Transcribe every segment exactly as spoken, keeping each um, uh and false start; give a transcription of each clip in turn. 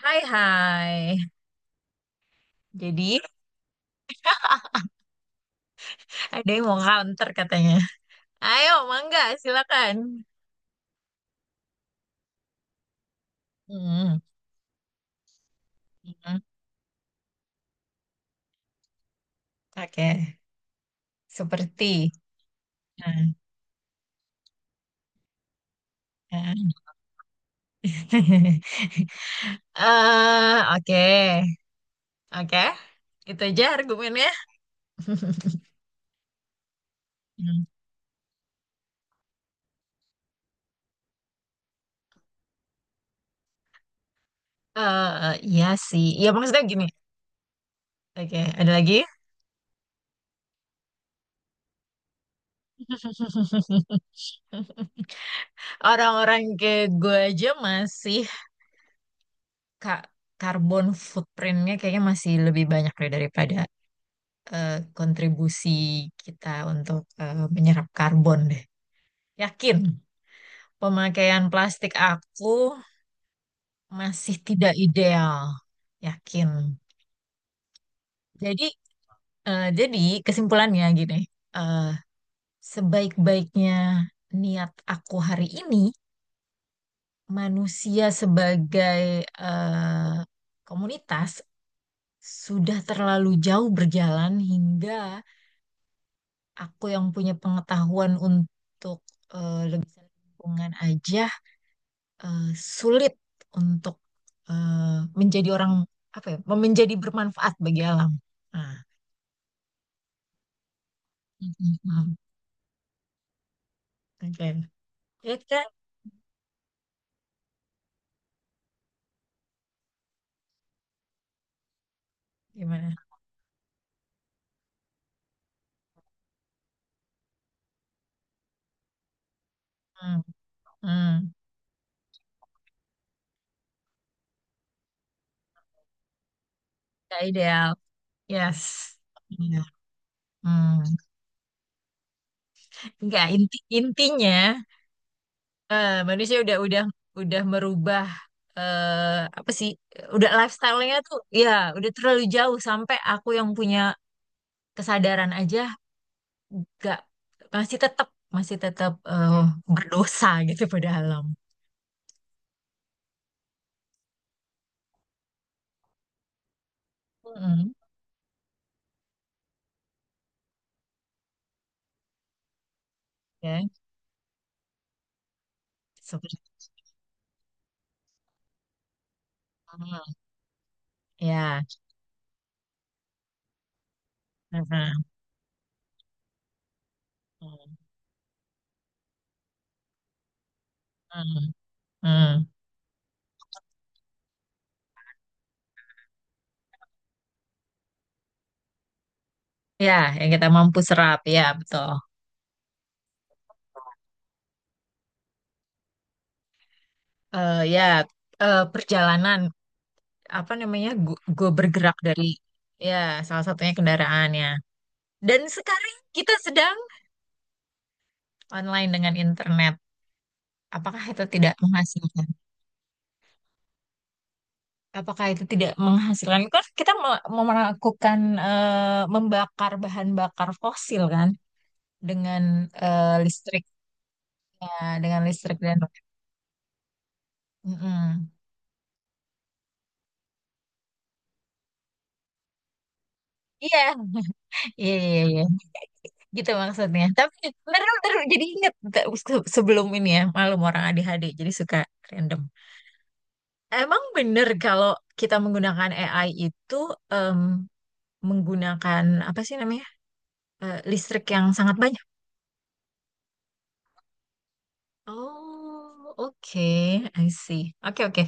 Hai hai. Jadi ada yang mau counter katanya. Ayo, mangga, silakan. Hmm, hmm. Oke. Seperti. Hmm, hmm. Eh, oke. Oke. Itu aja argumennya. Eh, iya sih. Ya maksudnya gini. Oke, ada lagi? Orang-orang kayak gue aja masih kak karbon footprintnya kayaknya masih lebih banyak deh daripada eh, kontribusi kita untuk eh, menyerap karbon deh. Yakin, pemakaian plastik aku masih tidak ideal. Yakin. Jadi, eh, jadi kesimpulannya gini, eh, sebaik-baiknya niat aku hari ini, manusia sebagai eh, komunitas sudah terlalu jauh berjalan hingga aku yang punya pengetahuan untuk eh, lebih lingkungan aja eh, sulit untuk eh, menjadi orang apa ya, menjadi bermanfaat bagi alam. Nah, mm, mm, mm. Oke. Ya kan? Gimana? Hmm, hmm. Nggak ideal. Yes. Iya. Hmm. Nggak, inti intinya eh, manusia udah udah udah merubah eh apa sih, udah lifestyle-nya tuh ya udah terlalu jauh sampai aku yang punya kesadaran aja gak masih tetap masih tetap eh, berdosa gitu pada alam. Mm-mm. Ya, seperti mm, ya. Mm-mm. Mm-mm. Mm. Ya, yang kita mampu serap, ya betul. Eh, ya, eh, perjalanan apa namanya, gue bergerak dari ya salah satunya kendaraannya. Dan sekarang kita sedang online dengan internet. Apakah itu tidak menghasilkan? Apakah itu tidak menghasilkan? Kan kita me- melakukan, eh, membakar bahan bakar fosil kan, dengan eh, listriknya, dengan listrik dan. Mm-mm. Iya, iya, iya, iya, iya. Gitu maksudnya. Tapi bener bener jadi inget nggak, se- sebelum ini ya, malum orang A D H D jadi suka random. Emang bener kalau kita menggunakan A I itu em, menggunakan apa sih namanya? Eh, listrik yang sangat banyak. Oh, oke, I see. Oke, oke.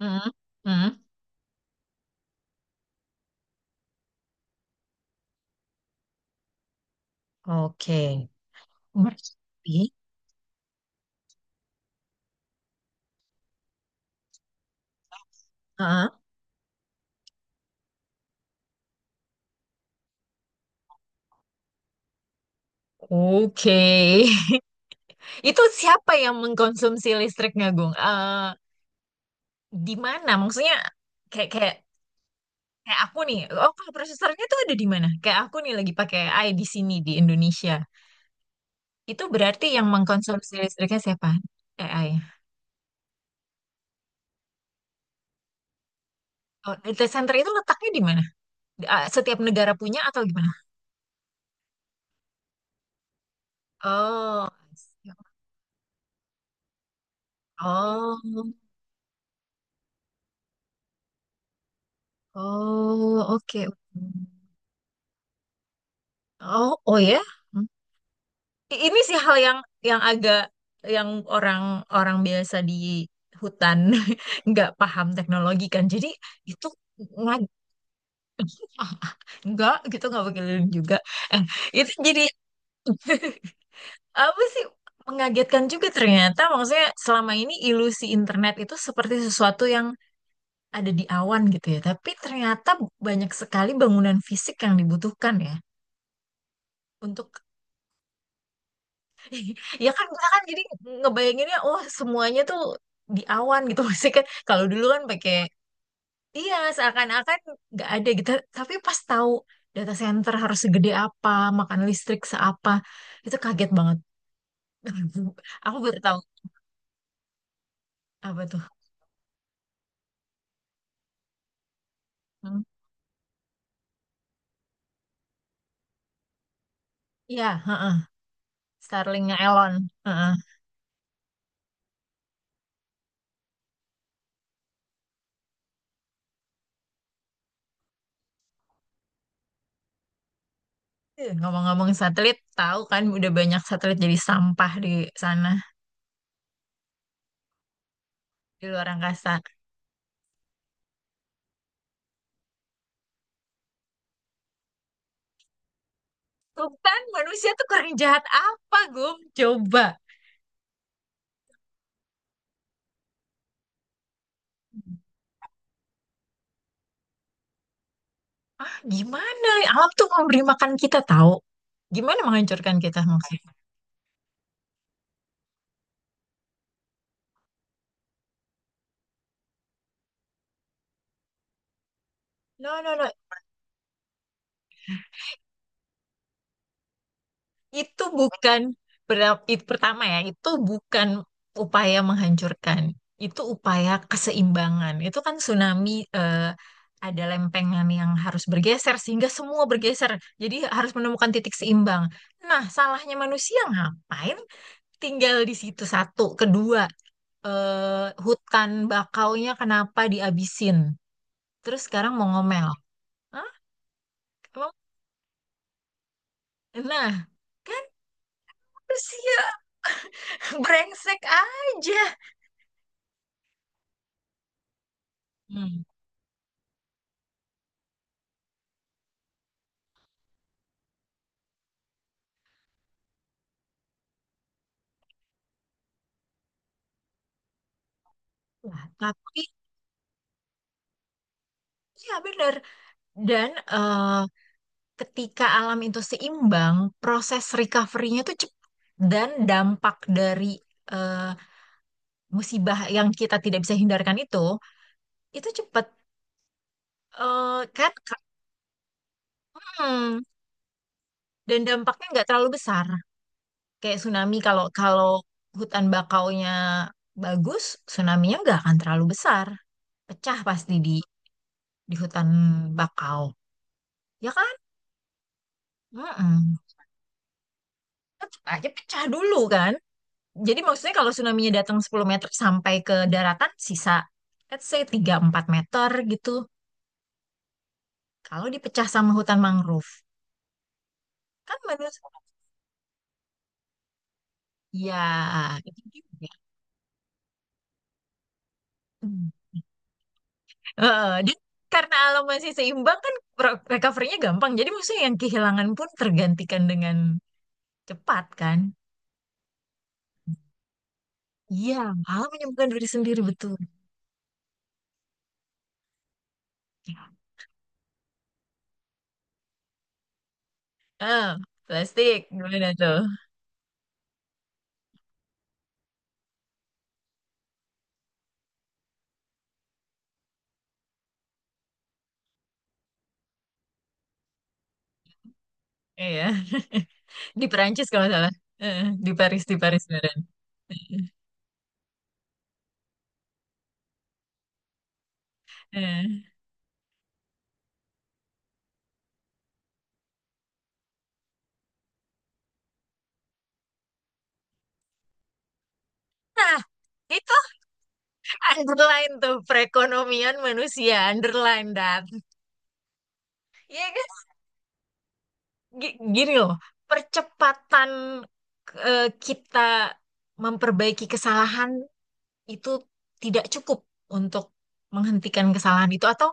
Hmm, hmm. Oke. Berarti, ah, oke. Itu siapa yang mengkonsumsi listriknya, Gung? Eh, di mana? Maksudnya kayak kayak kayak aku nih. Oh, kalau prosesornya tuh ada di mana? Kayak aku nih lagi pakai A I di sini di Indonesia. Itu berarti yang mengkonsumsi listriknya siapa? A I. Oh, data center itu letaknya di mana? Di- ah, Setiap negara punya atau gimana? Oh, I see. Oh, oh, oke, oke. Oh, oh ya. Hmm. I- Ini sih hal yang yang agak yang orang-orang biasa di hutan nggak paham teknologi kan. Jadi itu ngag- ah, ah, nggak gitu, nggak pakai lilin juga. Eh, itu jadi apa sih, mengagetkan juga ternyata. Maksudnya selama ini ilusi internet itu seperti sesuatu yang ada di awan gitu ya. Tapi ternyata banyak sekali bangunan fisik yang dibutuhkan ya untuk. Ya kan kita kan jadi ngebayanginnya wah semuanya tuh di awan gitu, masih kan kalau dulu kan pakai, iya seakan-akan nggak ada gitu, tapi pas tahu data center harus segede apa, makan listrik seapa, itu kaget banget, aku baru tahu apa tuh. Hmm. Iya, heeh. Starlinknya Elon. Heeh. Eh, ngomong-ngomong satelit, tahu kan udah banyak satelit jadi sampah di sana, di luar angkasa. Tuh kan manusia tuh kurang jahat apa, Gum? Coba. Gimana? Alam tuh memberi makan kita tahu. Gimana menghancurkan kita maksudnya? No, no, no. Itu bukan ber- itu pertama ya, itu bukan upaya menghancurkan. Itu upaya keseimbangan. Itu kan tsunami, eh, ada lempengan yang harus bergeser sehingga semua bergeser. Jadi harus menemukan titik seimbang. Nah, salahnya manusia ngapain? Tinggal di situ satu, kedua eh, hutan bakaunya kenapa diabisin? Terus sekarang mau ngomel. Hah? Emang? Nah. Kan manusia brengsek aja. Hmm. Nah, tapi ya benar. Dan eh, ketika alam itu seimbang, proses recovery-nya itu cepat. Dan dampak dari eh, musibah yang kita tidak bisa hindarkan itu, itu cepat. Eh, kan? Hmm. Dan dampaknya nggak terlalu besar. Kayak tsunami, kalau kalau hutan bakaunya bagus, tsunami-nya nggak akan terlalu besar. Pecah pasti di di hutan bakau, ya kan. Mm-mm. Tetap aja pecah dulu kan, jadi maksudnya kalau tsunami-nya datang sepuluh meter sampai ke daratan sisa let's say tiga empat meter gitu, kalau dipecah sama hutan mangrove, kan menurut saya, ya itu juga. Hmm. Heeh, dia karena alam masih seimbang kan pro- recovery-nya gampang, jadi maksudnya yang kehilangan pun tergantikan dengan cepat kan, iya, alam menyembuhkan diri sendiri betul. eh Plastik gimana tuh? Iya. Di Perancis kalau nggak salah. Eh, di Paris, di Paris beneran. Eh. Nah, itu underline tuh perekonomian manusia, underline that. Iya kan? Gi- Gini loh, percepatan eh, kita memperbaiki kesalahan itu tidak cukup untuk menghentikan kesalahan itu, atau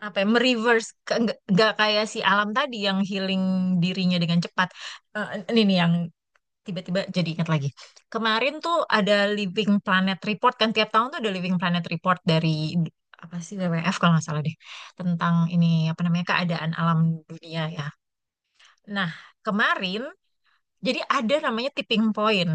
apa ya, mereverse, ke- nggak nggak kayak si alam tadi yang healing dirinya dengan cepat. Eh, ini nih yang. Tiba-tiba jadi ingat lagi. Kemarin tuh ada Living Planet Report, kan tiap tahun tuh ada Living Planet Report dari apa sih W W F kalau nggak salah deh, tentang ini apa namanya keadaan alam dunia ya. Nah, kemarin jadi ada namanya tipping point.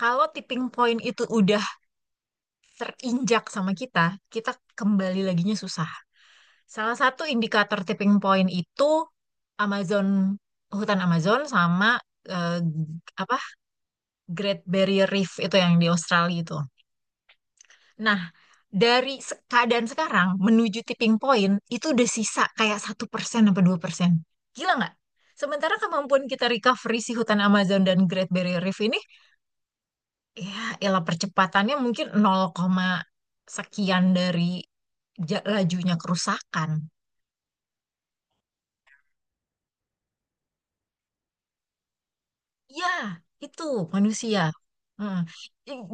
Kalau tipping point itu udah terinjak sama kita, kita kembali laginya susah. Salah satu indikator tipping point itu Amazon, hutan Amazon sama eh, apa, Great Barrier Reef itu yang di Australia itu. Nah, dari se- keadaan sekarang menuju tipping point itu udah sisa kayak satu persen apa dua persen. Gila nggak? Sementara kemampuan kita recovery si hutan Amazon dan Great Barrier Reef ini, ya elah, percepatannya mungkin nol, sekian dari ja- lajunya kerusakan. Ya, itu manusia. Mm.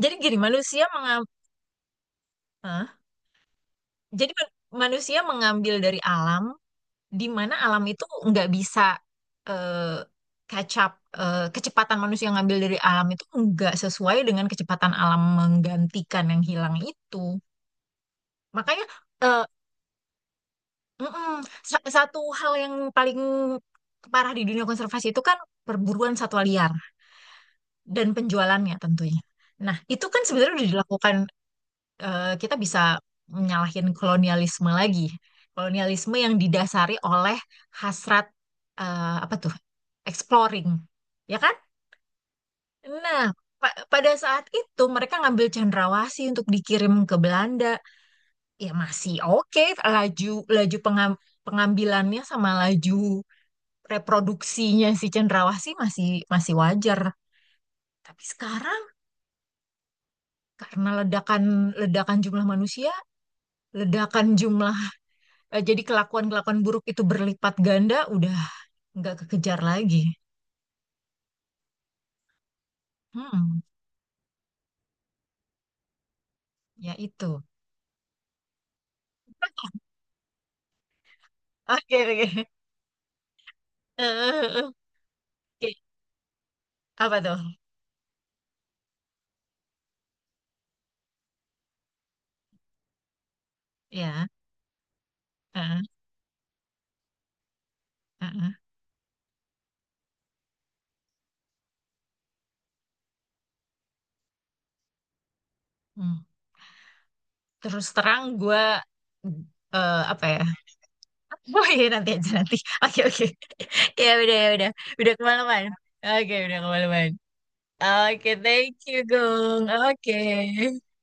Jadi gini, manusia mengambil, jadi man- manusia mengambil dari alam di mana alam itu nggak bisa eh, catch, eh, kecepatan manusia ngambil dari alam itu nggak sesuai dengan kecepatan alam menggantikan yang hilang itu. Makanya eh, mm-mm, sa- satu hal yang paling parah di dunia konservasi itu kan perburuan satwa liar dan penjualannya tentunya. Nah, itu kan sebenarnya udah dilakukan. Eh, kita bisa menyalahin kolonialisme lagi. Kolonialisme yang didasari oleh hasrat, eh, apa tuh? Exploring, ya kan? Nah, pa- pada saat itu mereka ngambil cendrawasih untuk dikirim ke Belanda. Ya masih oke, laju laju pengam- pengambilannya sama laju reproduksinya si cendrawasih masih masih wajar. Tapi sekarang karena ledakan ledakan jumlah manusia, ledakan jumlah. Eh, jadi kelakuan-kelakuan buruk itu berlipat ganda, udah nggak kekejar lagi. Hmm, ya itu. Oke, oke. Eh, oke, apa tuh? Ya. eh, eh, eh. Hmm. Terus terang gue apa ya? Oh iya, nanti aja, nanti. Oke, oke. Ya udah, ya udah. Udah kemalaman. Oke, udah kemalaman. Oke, thank you, Gung. Oke.